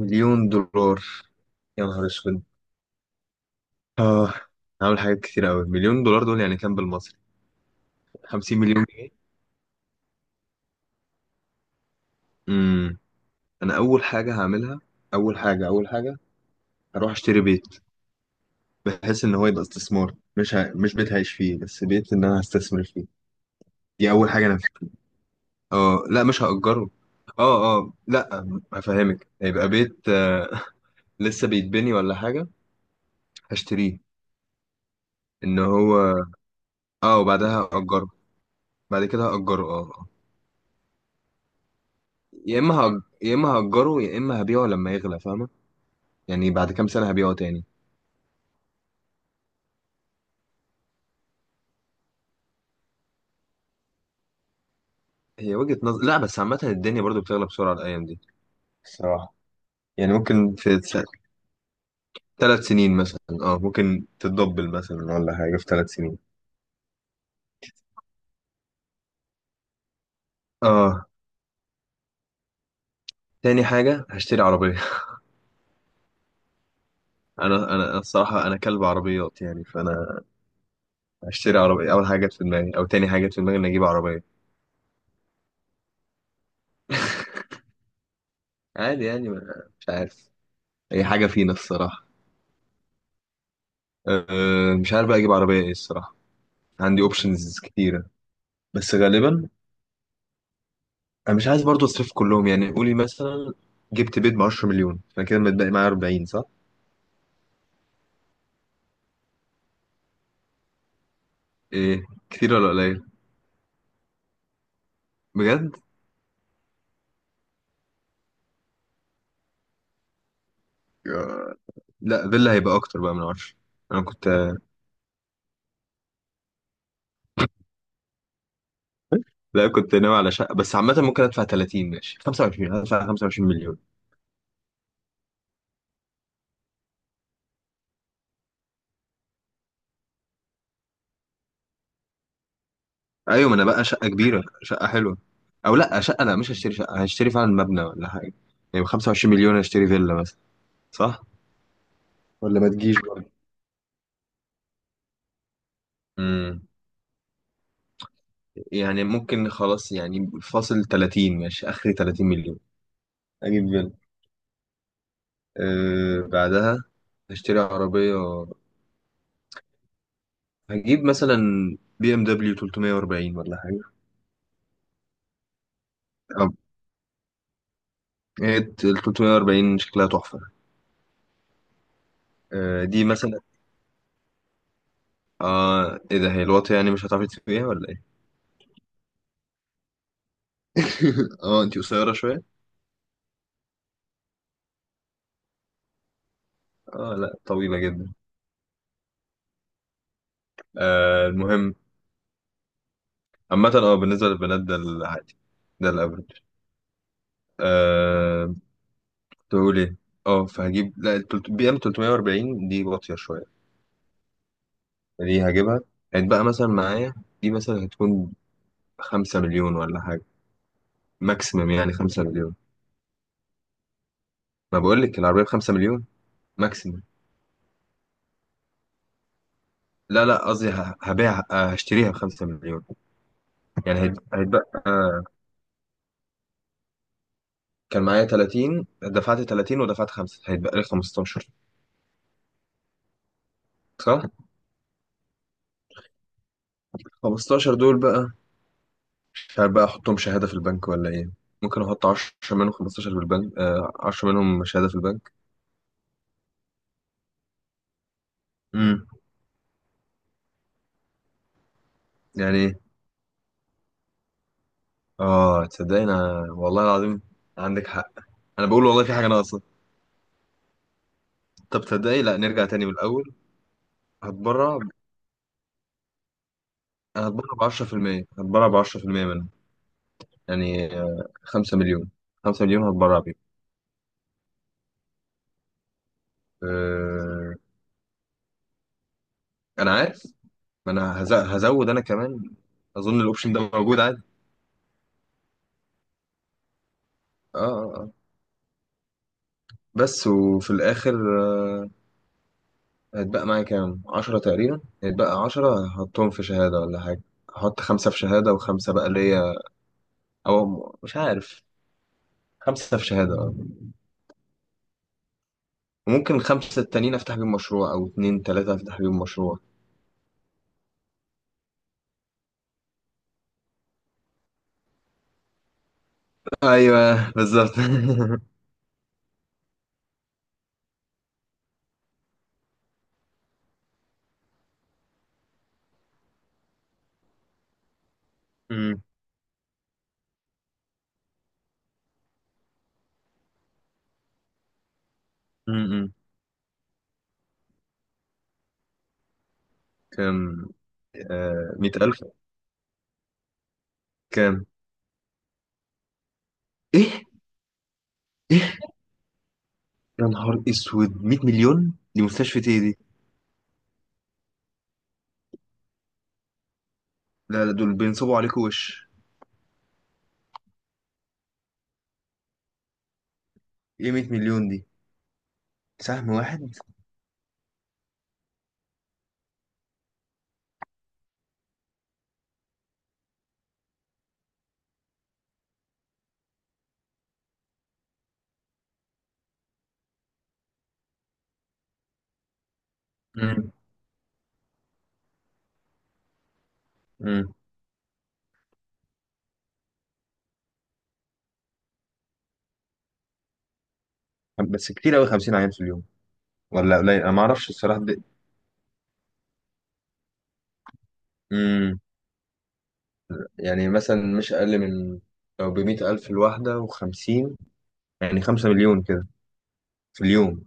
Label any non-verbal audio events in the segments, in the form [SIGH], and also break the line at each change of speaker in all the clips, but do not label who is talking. مليون دولار، يا نهار اسود. اه، هعمل حاجات كتير قوي. مليون دولار دول يعني كام بالمصري؟ 50 مليون جنيه. امم انا اول حاجه هعملها، اول حاجه هروح اشتري بيت، بحيث ان هو يبقى استثمار. مش بيت هعيش فيه بس، بيت ان انا هستثمر فيه. دي اول حاجه انا فيه. اه، لا مش هأجره. اه اه لا، هفهمك، هيبقى بيت [LAUGHS] لسه بيتبني ولا حاجه، هشتريه. ان هو اه وبعدها هأجره. بعد كده هأجره، اه. يا اما يا اما هأجره، يا اما هبيعه لما يغلى، فاهمه؟ يعني بعد كام سنه هبيعه تاني. هي وجهة نظر، لا بس عامة الدنيا برضو بتغلى بسرعة الأيام دي الصراحة. يعني ممكن في ثلاث سنين مثلا، اه ممكن تتدبل مثلا ولا حاجة في ثلاث سنين. اه، تاني حاجة هشتري عربية. [LAUGHS] أنا الصراحة أنا كلب عربيات، يعني فأنا هشتري عربية. أول حاجة جت في دماغي أو تاني حاجة جت في دماغي إني أجيب عربية. عادي يعني، مش عارف، هي حاجة فينا الصراحة. أه، مش عارف بقى أجيب عربية إيه الصراحة. عندي أوبشنز كتيرة، بس غالبا انا مش عايز برضو اصرف كلهم. يعني قولي مثلا جبت بيت ب 10 مليون، فانا كده متبقي معايا 40، صح؟ ايه، كتير ولا قليل؟ بجد؟ آه. لا فيلا هيبقى اكتر بقى من 10. انا كنت، لا كنت ناوي على شقه، بس عامه ممكن ادفع 30. ماشي، 25، هدفع 25 مليون. ايوه، ما انا بقى شقه كبيره، شقه حلوه. او لا شقه، لا مش هشتري شقه، هشتري فعلا مبنى ولا حاجه. يعني ب 25 مليون اشتري فيلا مثلا، صح؟ ولا ما تجيش برضه؟ امم يعني ممكن خلاص يعني فاصل 30. ماشي، اخري 30 مليون، اجيب فيلا. أه بعدها هشتري عربية، هجيب مثلا بي ام دبليو 340 ولا حاجة. أه، هي ال 340 شكلها تحفة. أه دي مثلا. اه، ايه ده؟ هي الواطية يعني مش هتعرفي تسوقيها ولا ايه؟ [LAUGHS] اه، انتي قصيرة شوية؟ اه لا، طويلة جدا. آه المهم، عامة اه بالنسبة للبنات ده العادي، ده الافرج. آه، كنت بقول ايه؟ اه، فهجيب، لا بي ام 340 دي واطية شوية، دي هجيبها. هيتبقى مثلا معايا، دي مثلا هتكون خمسة مليون ولا حاجة، ماكسيمم يعني خمسة مليون. ما بقولك العربية بخمسة مليون ماكسيمم. لا لا، قصدي ه- هبيع آه، هشتريها بخمسة مليون. يعني هيتبقى كان معايا 30، دفعت 30 ودفعت خمسة، هيتبقى لي 15، صح؟ 15 دول بقى مش عارف بقى أحطهم شهادة في البنك ولا إيه. ممكن أحط 10 منهم، 15 في البنك آه، 10 منهم شهادة في البنك. امم يعني إيه؟ اه تصدقني، انا والله العظيم عندك حق. انا بقول والله في حاجه ناقصه. طب تصدقني، لا نرجع تاني من الاول. هتبرع، انا هتبرع ب 10%، هتبرع ب 10% منه. يعني 5 مليون، 5 مليون هتبرع بيه. أه... انا عارف، ما انا هزود انا كمان. اظن الاوبشن ده موجود عادي. اه اه آه. بس وفي الاخر آه، هيتبقى معايا كام، 10 تقريبا. هيتبقى 10، هحطهم في شهاده ولا حاجه. هحط خمسة في شهادة وخمسة بقى ليا، أو مش عارف، خمسة في شهادة آه. ممكن الخمسة التانيين أفتح بيهم مشروع، أو اتنين تلاتة أفتح بيهم مشروع. أيوه بالظبط. [LAUGHS] أمم، أمم. كام؟ آه مية ألف. كام؟ إيه؟ إيه؟ يا نهار أسود، مية مليون دي مستشفى إيه دي؟ لا لا، دول بينصبوا عليكوا وش. إيه، مية مليون دي سهم واحد؟ أمم، أمم. بس كتير أوي خمسين عيان في اليوم، ولا قليل؟ أنا معرفش الصراحة دي. أمم. يعني مثلا مش أقل من، لو بمية ألف الواحدة وخمسين، يعني خمسة مليون كده في اليوم.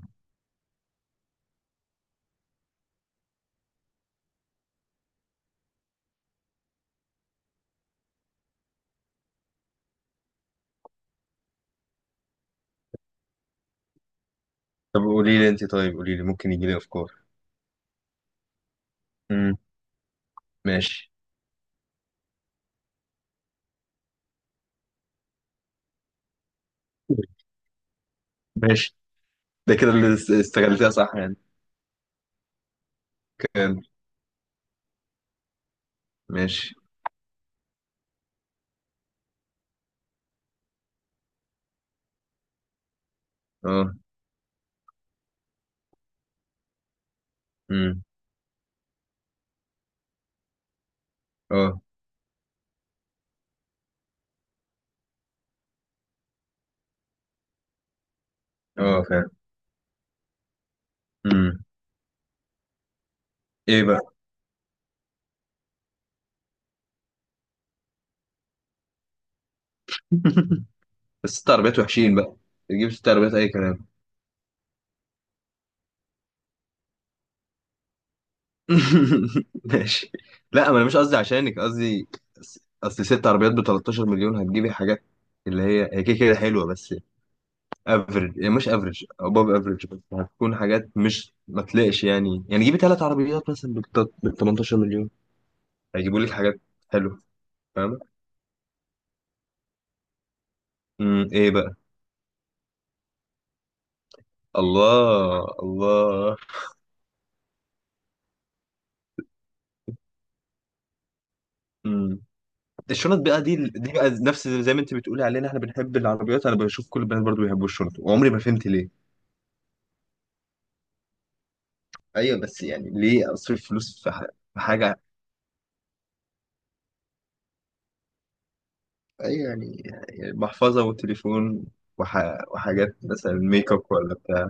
طب قولي لي انت، طيب قولي لي، ممكن يجي لي افكار. امم ماشي. ماشي، ده كده اللي استغلتها صح يعني. كان، ماشي. اه. امم اه. اه فعلا. امم ايه بقى؟ [LAUGHS] بس ست عربيات وحشين بقى، تجيب ست عربيات اي كلام. [LAUGHS] ماشي. لا ما انا مش قصدي عشانك، قصدي أص- اصل ست عربيات ب 13 مليون هتجيبي حاجات اللي هي هي كده كده حلوه بس افريج، يعني مش افريج اباف افريج، بس هتكون حاجات، مش ما تلاقيش يعني. يعني جيبي ثلاث عربيات مثلا بال 18 مليون، هيجيبوا لك حاجات حلوه. فاهم. ايه بقى؟ الله الله. امم الشنط بقى دي بقى نفس زي ما انت بتقولي علينا احنا بنحب العربيات، انا بشوف كل البنات برضو بيحبوا الشنط وعمري ما فهمت ليه. ايوه بس يعني ليه اصرف فلوس في في حاجه؟ ايوه يعني، يعني محفظه وتليفون وح... وحاجات مثلا ميك اب ولا بتاع.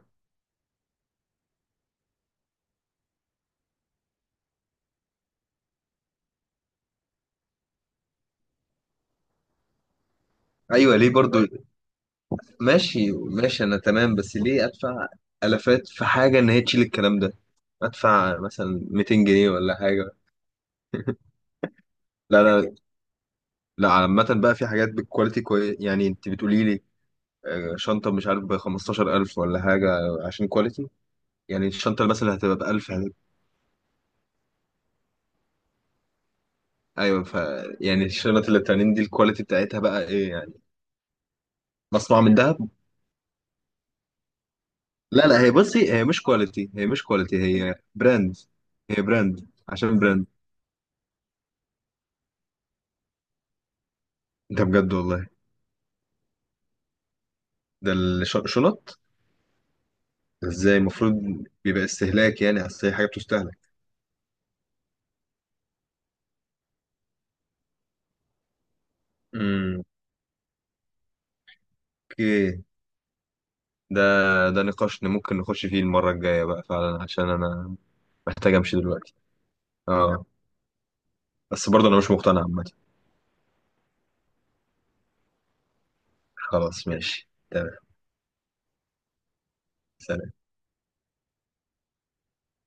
ايوه ليه برضو؟ ماشي ماشي، انا تمام، بس ليه ادفع الافات في حاجه ان هي تشيل الكلام ده؟ ادفع مثلا 200 جنيه ولا حاجه. لا لا. لا عامه بقى في حاجات بالكواليتي كويس، يعني انت بتقولي لي شنطه مش عارف ب 15,000 ولا حاجه عشان كواليتي. يعني الشنطه اللي مثلا هتبقى ب 1000، ايوه. ف يعني الشنط اللي بتعملين دي الكواليتي بتاعتها بقى ايه يعني، مصنوعه من دهب؟ لا لا، هي بصي هي مش كواليتي، هي مش كواليتي، هي براند، هي براند عشان براند. ده بجد والله. ده الشنط، ازاي؟ المفروض بيبقى استهلاك يعني، اصل هي حاجه بتستهلك. امم اوكي. ده ده نقاش ممكن نخش فيه المره الجايه بقى فعلا، عشان انا محتاج امشي دلوقتي. اه، بس برضه انا مش مقتنع عامه. خلاص ماشي تمام. سلام